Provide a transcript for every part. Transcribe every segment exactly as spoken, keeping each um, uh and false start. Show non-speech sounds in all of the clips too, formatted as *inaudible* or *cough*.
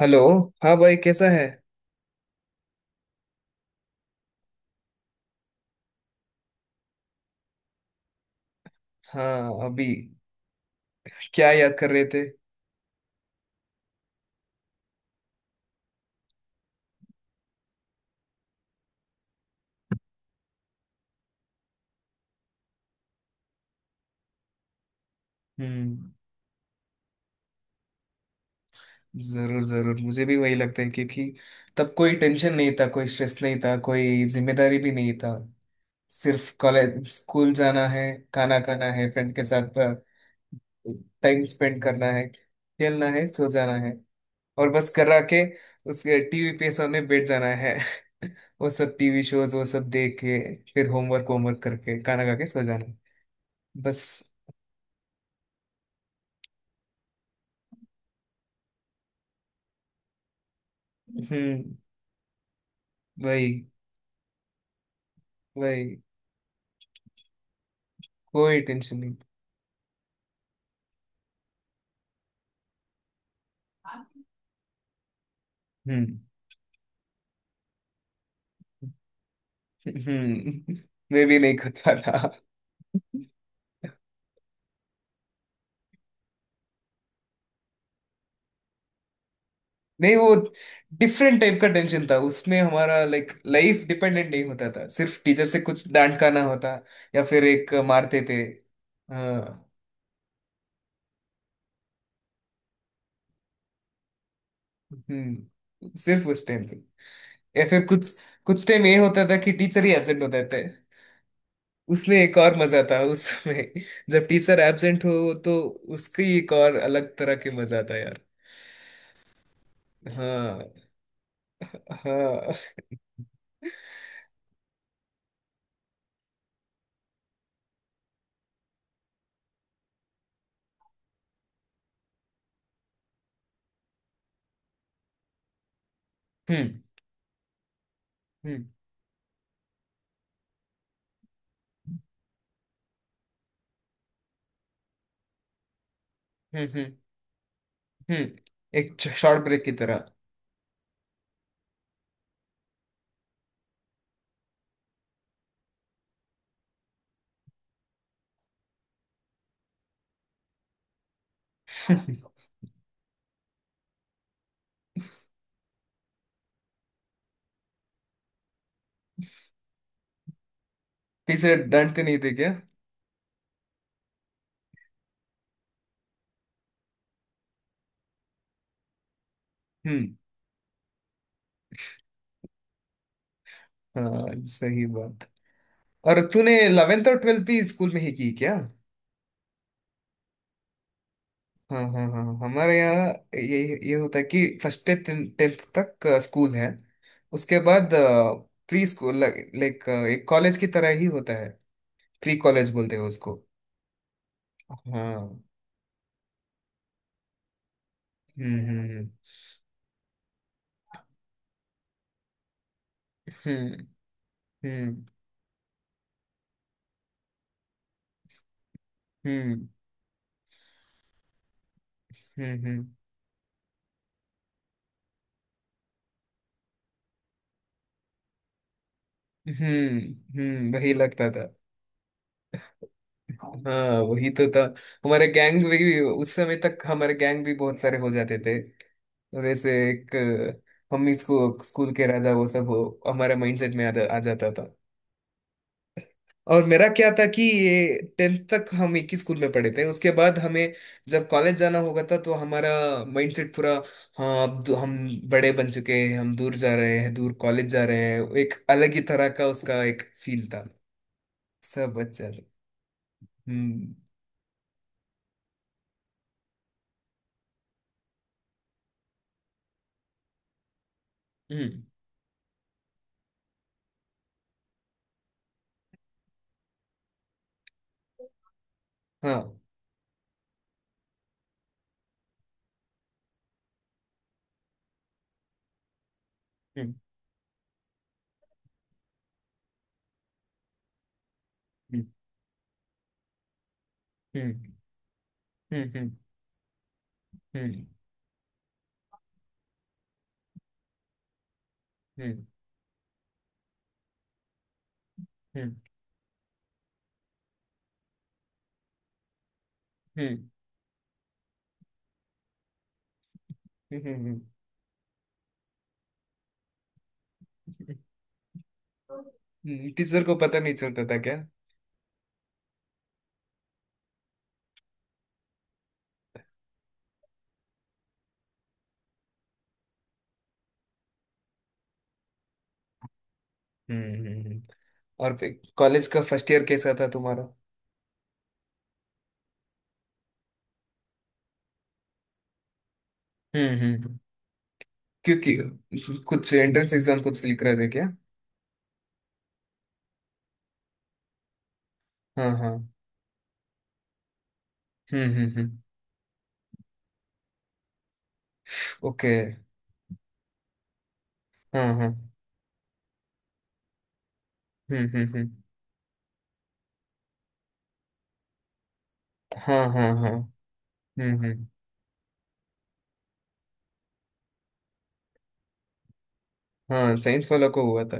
Hello. हाँ भाई, कैसा है? हाँ अभी क्या याद कर रहे थे? हम्म। जरूर जरूर, मुझे भी वही लगता है, क्योंकि तब कोई टेंशन नहीं था, कोई स्ट्रेस नहीं था, कोई जिम्मेदारी भी नहीं था। सिर्फ कॉलेज स्कूल जाना है, खाना खाना है फ्रेंड के साथ, टाइम स्पेंड करना है, खेलना है, सो जाना है। और बस करा के उसके टीवी पे सामने बैठ जाना है। *laughs* वो सब टीवी शोज वो सब देख के फिर होमवर्क होमवर्क करके खाना खा के सो जाना। बस। हम्म। वही। वही। कोई टेंशन नहीं। हम्म। हम्म। *laughs* मैं भी नहीं करता था। नहीं, वो डिफरेंट टाइप का टेंशन था। उसमें हमारा लाइक लाइफ डिपेंडेंट नहीं होता था। सिर्फ टीचर से कुछ डांट खाना होता या फिर एक मारते थे। हाँ। हम्म, सिर्फ उस टाइम पे। या फिर कुछ कुछ टाइम ये होता था कि टीचर ही एब्सेंट होते थे। उसमें एक और मजा था उस समय। जब टीचर एब्सेंट हो तो उसकी एक और अलग तरह के मजा था यार। हाँ। हाँ। हम्म हम्म हम्म हम्म हम्म। एक शॉर्ट ब्रेक की तरह। *laughs* पीछे डांटते नहीं थे क्या? हम्म। हाँ, सही बात। और तूने इलेवेंथ और ट्वेल्थ भी स्कूल में ही की क्या? हाँ हाँ हाँ, हमारे यहाँ ये ये होता है कि फर्स्ट से टेंथ तक अ, स्कूल है। उसके बाद प्री स्कूल लाइक एक कॉलेज की तरह ही होता है। प्री कॉलेज बोलते हैं उसको। हाँ। हम्म हम्म हम्म हम्म हम्म हम्म हम्म हम्म हम्म, वही लगता था। हाँ, वही तो था। हमारे गैंग भी उस समय तक, हमारे गैंग भी बहुत सारे हो जाते थे। वैसे एक अ, हम इसको स्कूल के राजा वो सब हो, हमारे माइंडसेट में आ, जा- आ जाता था। और मेरा क्या था कि ये टेंथ तक हम एक ही स्कूल में पढ़े थे। उसके बाद हमें जब कॉलेज जाना होगा था तो हमारा माइंडसेट पूरा। हाँ, अब दू- हम बड़े बन चुके हैं, हम दूर जा रहे हैं, दूर कॉलेज जा रहे हैं। एक अलग ही तरह का उसका एक फील था। सब अच्छा था। हम्म हम्म, हाँ। हम्म हम्म हम्म हम्म हम्म हम्म हम्म हम्म टीचर को पता नहीं चलता था क्या? हम्म हम्म। और कॉलेज का फर्स्ट ईयर कैसा था तुम्हारा? हम्म हम्म, क्योंकि कुछ एंट्रेंस एग्जाम कुछ लिख रहे थे क्या? हाँ हाँ। हम्म हम्म हम्म। ओके। हाँ हाँ। हम्म हम्म हम्म। हाँ हाँ हाँ। हम्म हम्म। हाँ साइंस वाला को हुआ था।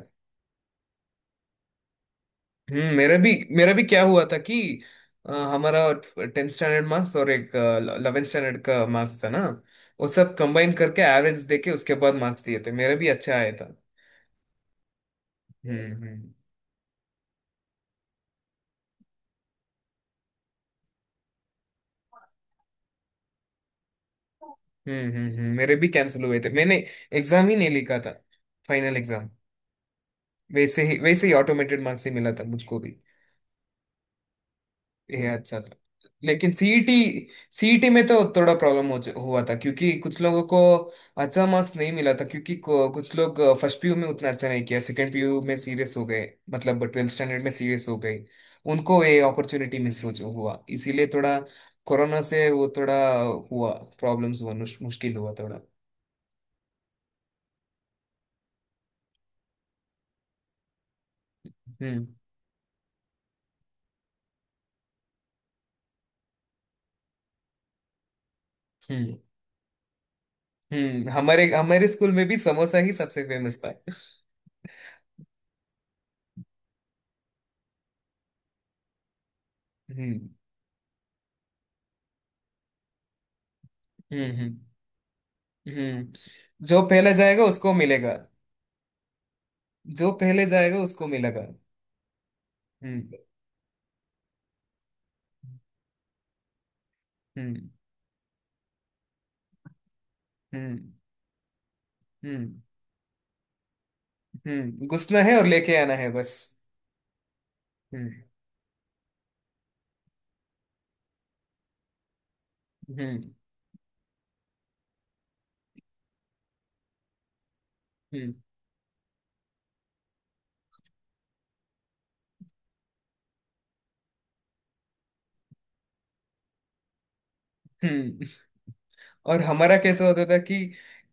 हम्म, मेरा भी। मेरा भी क्या हुआ था कि अ, हमारा टेंथ स्टैंडर्ड मार्क्स और एक इलेवेंथ स्टैंडर्ड का मार्क्स था ना, वो सब कंबाइन करके एवरेज देके उसके बाद मार्क्स दिए थे। मेरे भी अच्छा आया था। हम्म हम्म हम्म हम्म हम्म, मेरे भी कैंसिल हुए थे। मैंने एग्जाम ही नहीं लिखा था, फाइनल एग्जाम। वैसे ही वैसे ही ऑटोमेटेड मार्क्स ही मिला था मुझको भी। ये अच्छा था। लेकिन सीईटी, सीईटी में तो थोड़ा प्रॉब्लम हो हुआ था, क्योंकि कुछ लोगों को अच्छा मार्क्स नहीं मिला था। क्योंकि को- कुछ लोग फर्स्ट पीयू में उतना अच्छा नहीं किया, सेकंड पीयू में सीरियस हो गए, मतलब ट्वेल्थ स्टैंडर्ड में सीरियस हो गए। उनको ये अपॉर्चुनिटी मिस हो जो हुआ, इसीलिए थोड़ा कोरोना से वो थोड़ा हुआ। प्रॉब्लम्स हुआ, मुश- मुश्किल हुआ थोड़ा। हम्म हम्म हम्म। हमारे हमारे स्कूल में भी समोसा ही सबसे फेमस था। हम्म हम्म हम्म हम्म। जो पहले जाएगा उसको मिलेगा। जो पहले जाएगा उसको मिलेगा। हम्म हम्म हम्म हम्म, हम्म घुसना है और लेके आना है बस। हम्म हम्म हम्म हम्म। और हमारा कैसा होता था कि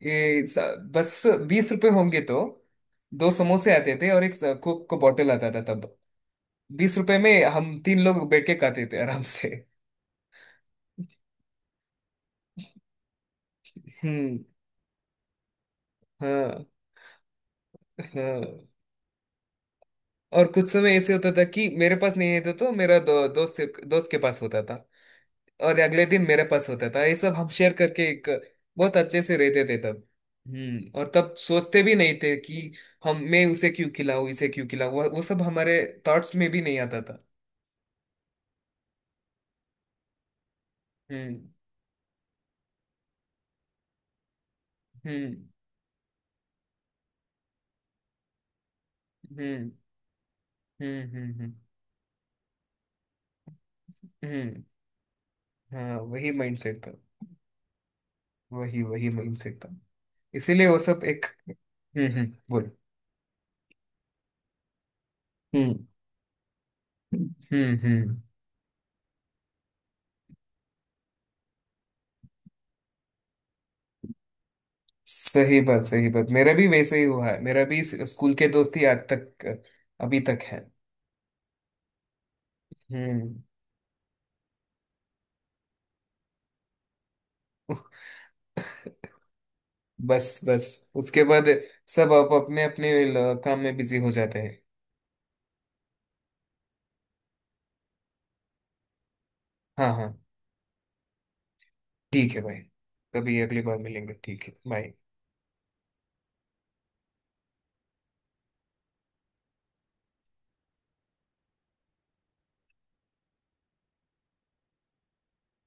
ये स- बस बीस रुपए होंगे तो दो समोसे आते थे और एक कोक का बॉटल आता था। तब बीस रुपए में हम तीन लोग बैठ के खाते थे आराम से। हम्म। हाँ हाँ। और कुछ समय ऐसे होता था कि मेरे पास नहीं होता तो तो मेरा दो, दोस्त दोस्त के पास होता था। और अगले दिन मेरे पास होता था। ये सब हम शेयर करके एक बहुत अच्छे से रहते थे तब। हम्म। और तब सोचते भी नहीं थे कि हम मैं उसे क्यों खिलाऊं, इसे क्यों खिलाऊं, वो वो सब हमारे थॉट्स में भी नहीं आता था। हम्म हम्म हम्म हम्म हम्म हम्म हम्म, हाँ वही माइंडसेट था। वही वही माइंडसेट था। इसीलिए वो सब एक। हम्म हम्म। बोल। हम्म हम्म हम्म, सही बात, सही बात। मेरा भी वैसे ही हुआ है। मेरा भी स्कूल के दोस्त ही आज तक अभी तक है। हम्म। *laughs* बस बस, उसके बाद सब आप अपने अपने काम में बिजी हो जाते हैं। हाँ। हाँ ठीक है भाई। कभी अगली बार मिलेंगे, ठीक है, बाय।